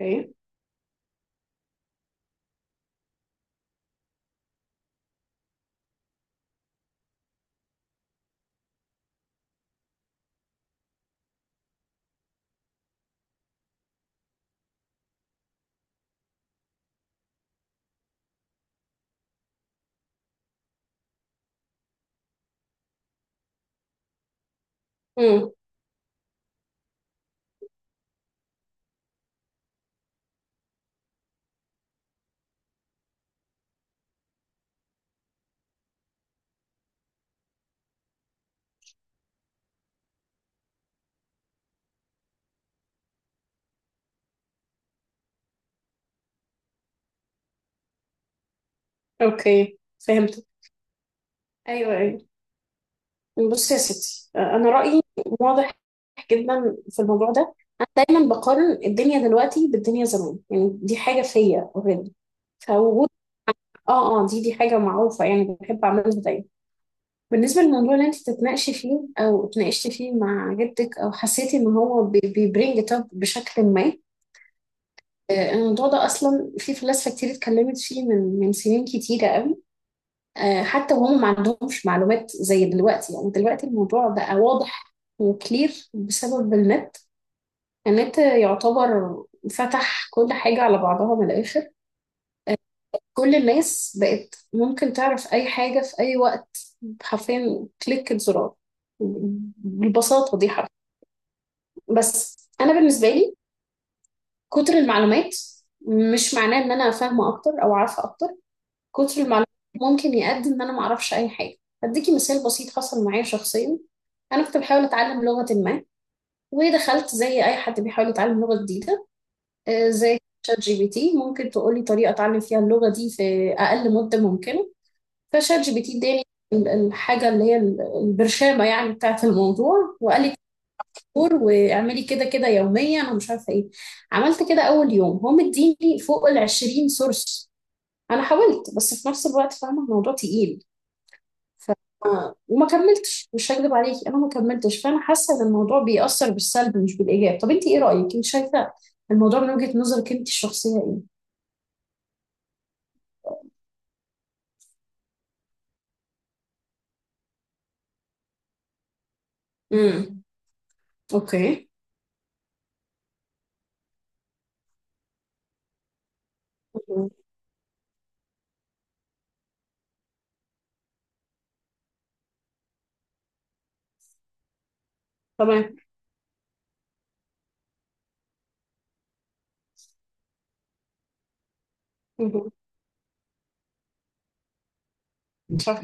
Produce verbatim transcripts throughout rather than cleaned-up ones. اوكي. امم اوكي، فهمت. ايوه، ايوه. بص يا ستي، انا رايي واضح جدا في الموضوع ده. انا دايما بقارن الدنيا دلوقتي بالدنيا زمان، يعني دي حاجه فيا اوريدي. فوجود اه اه دي دي حاجه معروفه، يعني بحب اعملها دايما. بالنسبه للموضوع اللي انت تتناقشي فيه او اتناقشتي فيه مع جدك، او حسيتي ان هو بيبرينج ات اب بشكل ما، آه، الموضوع ده اصلا في فلاسفه كتير اتكلمت فيه من من سنين كتيره. آه، حتى وهم ما عندهمش معلومات زي دلوقتي، يعني دلوقتي الموضوع بقى واضح وكلير بسبب النت. النت يعتبر فتح كل حاجة على بعضها من الآخر. كل الناس بقت ممكن تعرف أي حاجة في أي وقت، حرفيا كليك زرار، بالبساطة دي، حرف. بس أنا بالنسبة لي، كتر المعلومات مش معناه إن أنا فاهمة أكتر أو عارفة أكتر. كتر المعلومات ممكن يقدم ان انا ما اعرفش اي حاجه. هديكي مثال بسيط حصل معايا شخصيا. انا كنت بحاول اتعلم لغه ما، ودخلت زي اي حد بيحاول يتعلم لغه جديده، آه، زي شات جي بي تي، ممكن تقولي طريقه اتعلم فيها اللغه دي في اقل مده ممكنه؟ فشات جي بي تي اداني ال- الحاجه اللي هي ال- البرشامه يعني بتاعه الموضوع، وقال لي دكتور واعملي كده كده يوميا، انا مش عارفه ايه. عملت كده اول يوم، هو مديني فوق ال عشرين سورس. انا حاولت، بس في نفس الوقت فاهمه الموضوع تقيل وما كملتش. مش هكذب عليكي، انا ما كملتش، فانا حاسه ان الموضوع بيأثر بالسلب مش بالايجاب. طب انت ايه رأيك؟ انت شايفه الموضوع من وجهة نظرك انت الشخصيه ايه؟ امم اوكي. مهم. تمام. مهم. صح.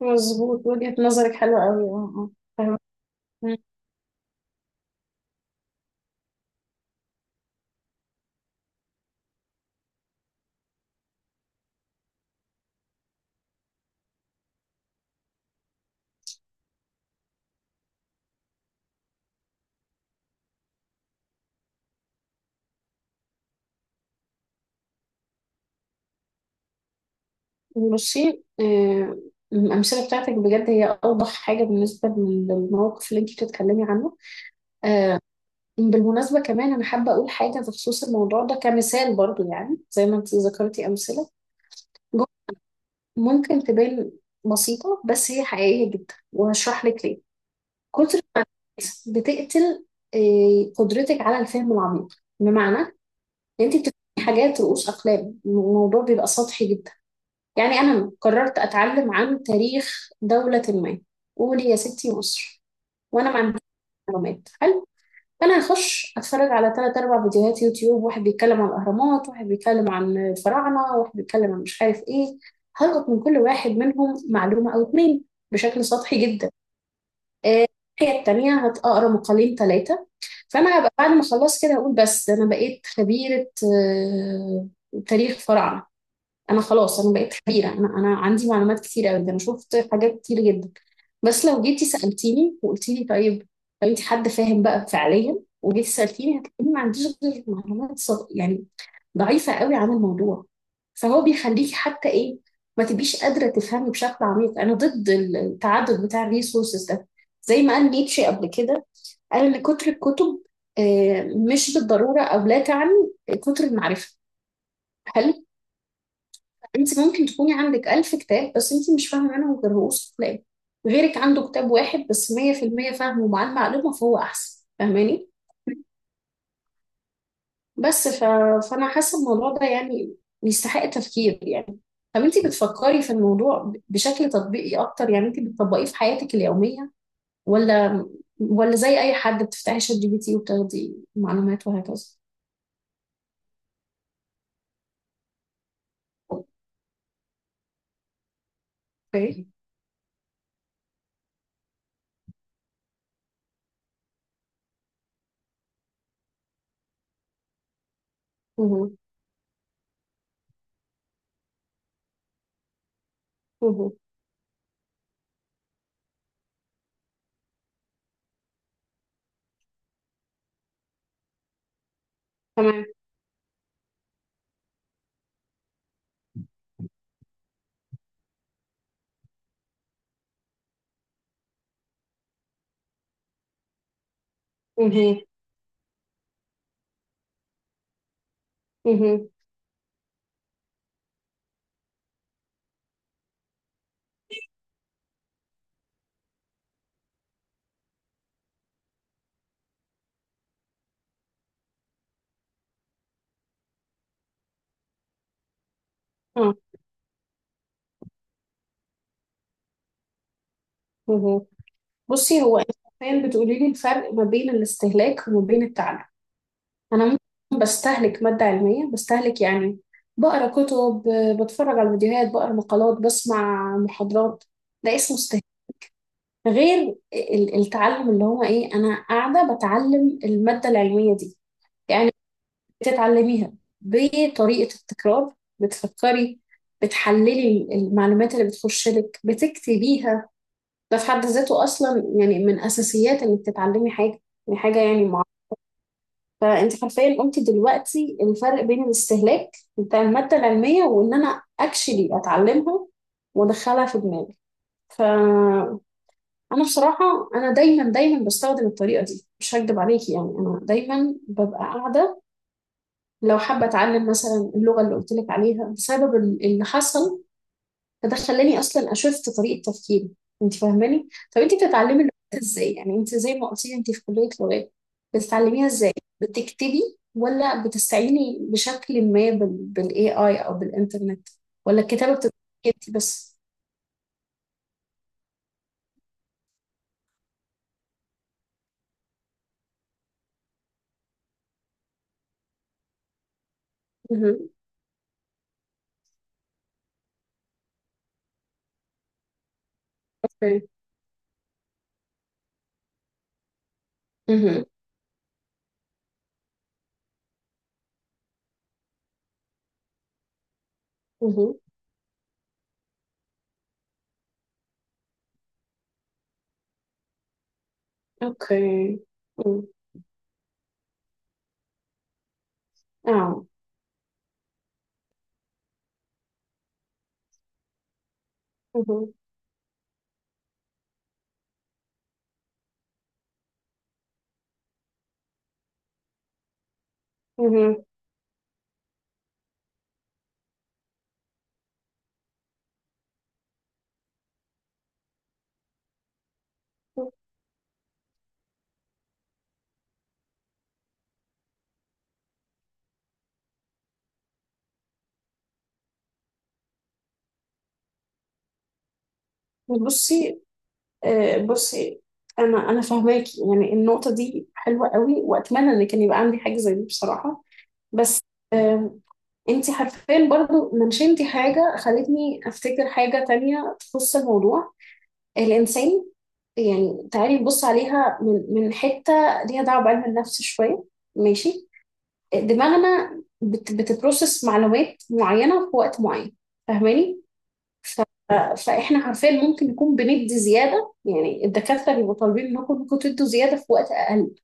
مظبوط، وجهة نظرك حلوة قوي. اه، اه، فاهمة. مم. بصي، آه، الأمثلة بتاعتك بجد هي أوضح حاجة بالنسبة للموقف اللي أنت بتتكلمي عنه. آه، بالمناسبة كمان، أنا حابة أقول حاجة بخصوص الموضوع ده كمثال برضو. يعني زي ما أنت ذكرتي أمثلة، ممكن تبان بسيطة بس هي حقيقية جدا، وهشرح لك ليه. كتر الناس بتقتل آه، قدرتك على الفهم العميق، بمعنى ان انت بتفهمي حاجات رؤوس اقلام، الموضوع بيبقى سطحي جدا. يعني انا قررت اتعلم عن تاريخ دولة ما، قولي يا ستي مصر، وانا ما عنديش معلومات. فانا هخش اتفرج على تلات اربع فيديوهات يوتيوب، واحد بيتكلم عن الاهرامات، واحد بيتكلم عن الفراعنه، واحد بيتكلم عن مش عارف ايه. هلقط من كل واحد منهم معلومه او اتنين، بشكل سطحي جدا. آه، الناحيه التانيه، هتقرا مقالين ثلاثه، فانا هبقى بعد ما اخلص كده اقول بس ده انا بقيت خبيره آه، تاريخ فراعنه. انا خلاص، انا بقيت خبيره، انا انا عندي معلومات كتيره قوي، انا شفت حاجات كتير جدا. بس لو جيتي سالتيني وقلتي لي طيب، لو انت حد فاهم بقى فعليا وجيتي سالتيني، هتلاقيني ما عنديش غير معلومات صغ- يعني ضعيفه قوي عن الموضوع. فهو بيخليكي حتى ايه؟ ما تبقيش قادره تفهمي بشكل عميق. انا ضد ال- التعدد بتاع الريسورسز ده. زي ما قال نيتشه قبل كده، قال ان كتر الكتب آه، مش بالضروره، او لا تعني كتر المعرفه. هل انت ممكن تكوني عندك ألف كتاب، بس انت مش فاهمة منهم غير رؤوس الأقلام؟ غيرك عنده كتاب واحد بس مية في المية فاهمه، ومعاه المعلومة، فهو أحسن. فاهماني؟ بس ف... فأنا حاسة الموضوع ده يعني يستحق تفكير. يعني طب انت بتفكري في الموضوع ب- بشكل تطبيقي أكتر؟ يعني انت بتطبقيه في حياتك اليومية، ولا ولا زي أي حد بتفتحي شات جي بي تي وبتاخدي معلومات وهكذا؟ اوكي. مهو. مهو. تمام. مهو. مهو. اه. مهو. بصي، هو انت حرفيا بتقولي لي الفرق ما بين الاستهلاك وما بين التعلم. انا ممكن بستهلك ماده علميه، بستهلك يعني بقرا كتب، ب- بتفرج على فيديوهات، بقرا مقالات، بسمع محاضرات، ده اسمه استهلاك. غير ال- التعلم اللي هو ايه، انا قاعده بتعلم الماده العلميه دي، يعني بتتعلميها بطريقه التكرار، بتفكري، بتحللي المعلومات اللي بتخش لك، بتكتبيها. ده في حد ذاته اصلا يعني من اساسيات انك تتعلمي حاجه، يعني حاجه يعني معينه. فانت حرفيا قلتي دلوقتي الفرق بين الاستهلاك بتاع الماده العلميه، وان انا اكشلي اتعلمها وادخلها في دماغي. فانا بصراحه، انا دايما دايما بستخدم الطريقه دي، مش هكدب عليكي، يعني انا دايما ببقى قاعده. لو حابه اتعلم مثلا اللغه اللي قلت لك عليها، بسبب ال- اللي حصل، فده خلاني اصلا اشفت طريقه تفكيري. انت فاهماني؟ طب انت بتتعلمي اللغات ازاي؟ يعني انت زي ما قلتي انت في كليه لغات، بتتعلميها ازاي؟ بتكتبي، ولا بتستعيني بشكل ما بال بالاي اي او بالانترنت، ولا الكتابه بتبقى انت بس؟ مهم. اوكي. مهم. مهم. اوكي. مم. اه. مهم. مهم. بصي آه، بصي انا انا فاهماكي، يعني النقطه دي حلوه قوي، واتمنى ان كان يبقى عندي حاجه زي دي بصراحه. بس انت حرفيا برضو منشنتي حاجة خلتني افتكر حاجة تانية تخص الموضوع، الانسان. يعني تعالي نبص عليها من من حتة ليها دعوة بعلم النفس شوية، ماشي؟ دماغنا بت بتبروسس معلومات معينة في وقت معين، فاهماني؟ ف- فاحنا حرفيا ممكن نكون بندي زيادة، يعني الدكاترة بيبقوا طالبين منكم انكم تدوا زيادة في وقت اقل،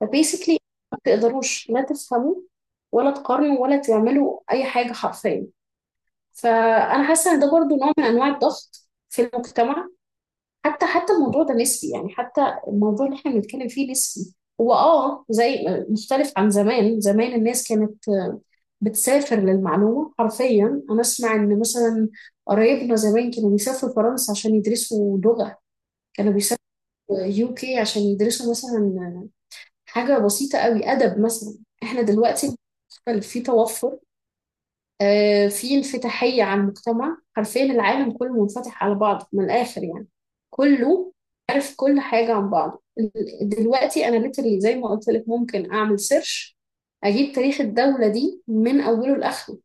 فبيسكلي ما تقدروش لا تفهموا ولا تقارنوا ولا تعملوا اي حاجه حرفيا. فانا حاسه ان ده برضو نوع من انواع الضغط في المجتمع. حتى حتى الموضوع ده نسبي، يعني حتى الموضوع اللي احنا بنتكلم فيه نسبي. هو اه زي مختلف عن زمان، زمان الناس كانت بتسافر للمعلومه حرفيا. انا اسمع ان مثلا قرايبنا زمان كانوا بيسافروا فرنسا عشان يدرسوا لغه، كانوا بيسافروا يو كي عشان يدرسوا مثلا حاجه بسيطه قوي، ادب مثلا. احنا دلوقتي في توفر، آه، في انفتاحية على المجتمع، حرفيا العالم كله منفتح على بعضه من الآخر، يعني كله عارف كل حاجة عن بعضه. ال- دلوقتي أنا ليترلي زي ما قلت لك، ممكن أعمل سيرش، أجيب تاريخ الدولة دي من أوله لآخره.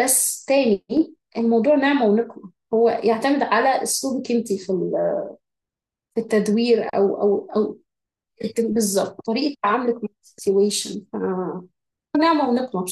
بس تاني، الموضوع نعمة ونقمة، هو يعتمد على أسلوبك أنت في ال- في التدوير، أو أو أو بالظبط، طريقة تعاملك مع السيتويشن. نعمة ونقمة.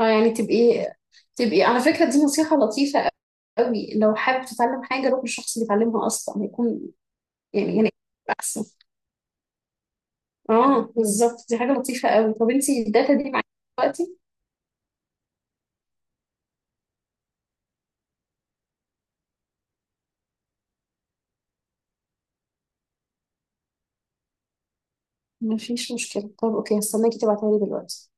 اه، يعني تبقي تبقي على فكرة دي نصيحة لطيفة قوي. لو حابب تتعلم حاجة، روح للشخص اللي بيتعلمها أصلا، هيكون يعني يعني أحسن. اه، بالظبط، دي حاجة لطيفة قوي. طب انتي الداتا دي معاكي دلوقتي؟ مفيش مشكلة. طب اوكي، هستناكي تبعتها لي دلوقتي.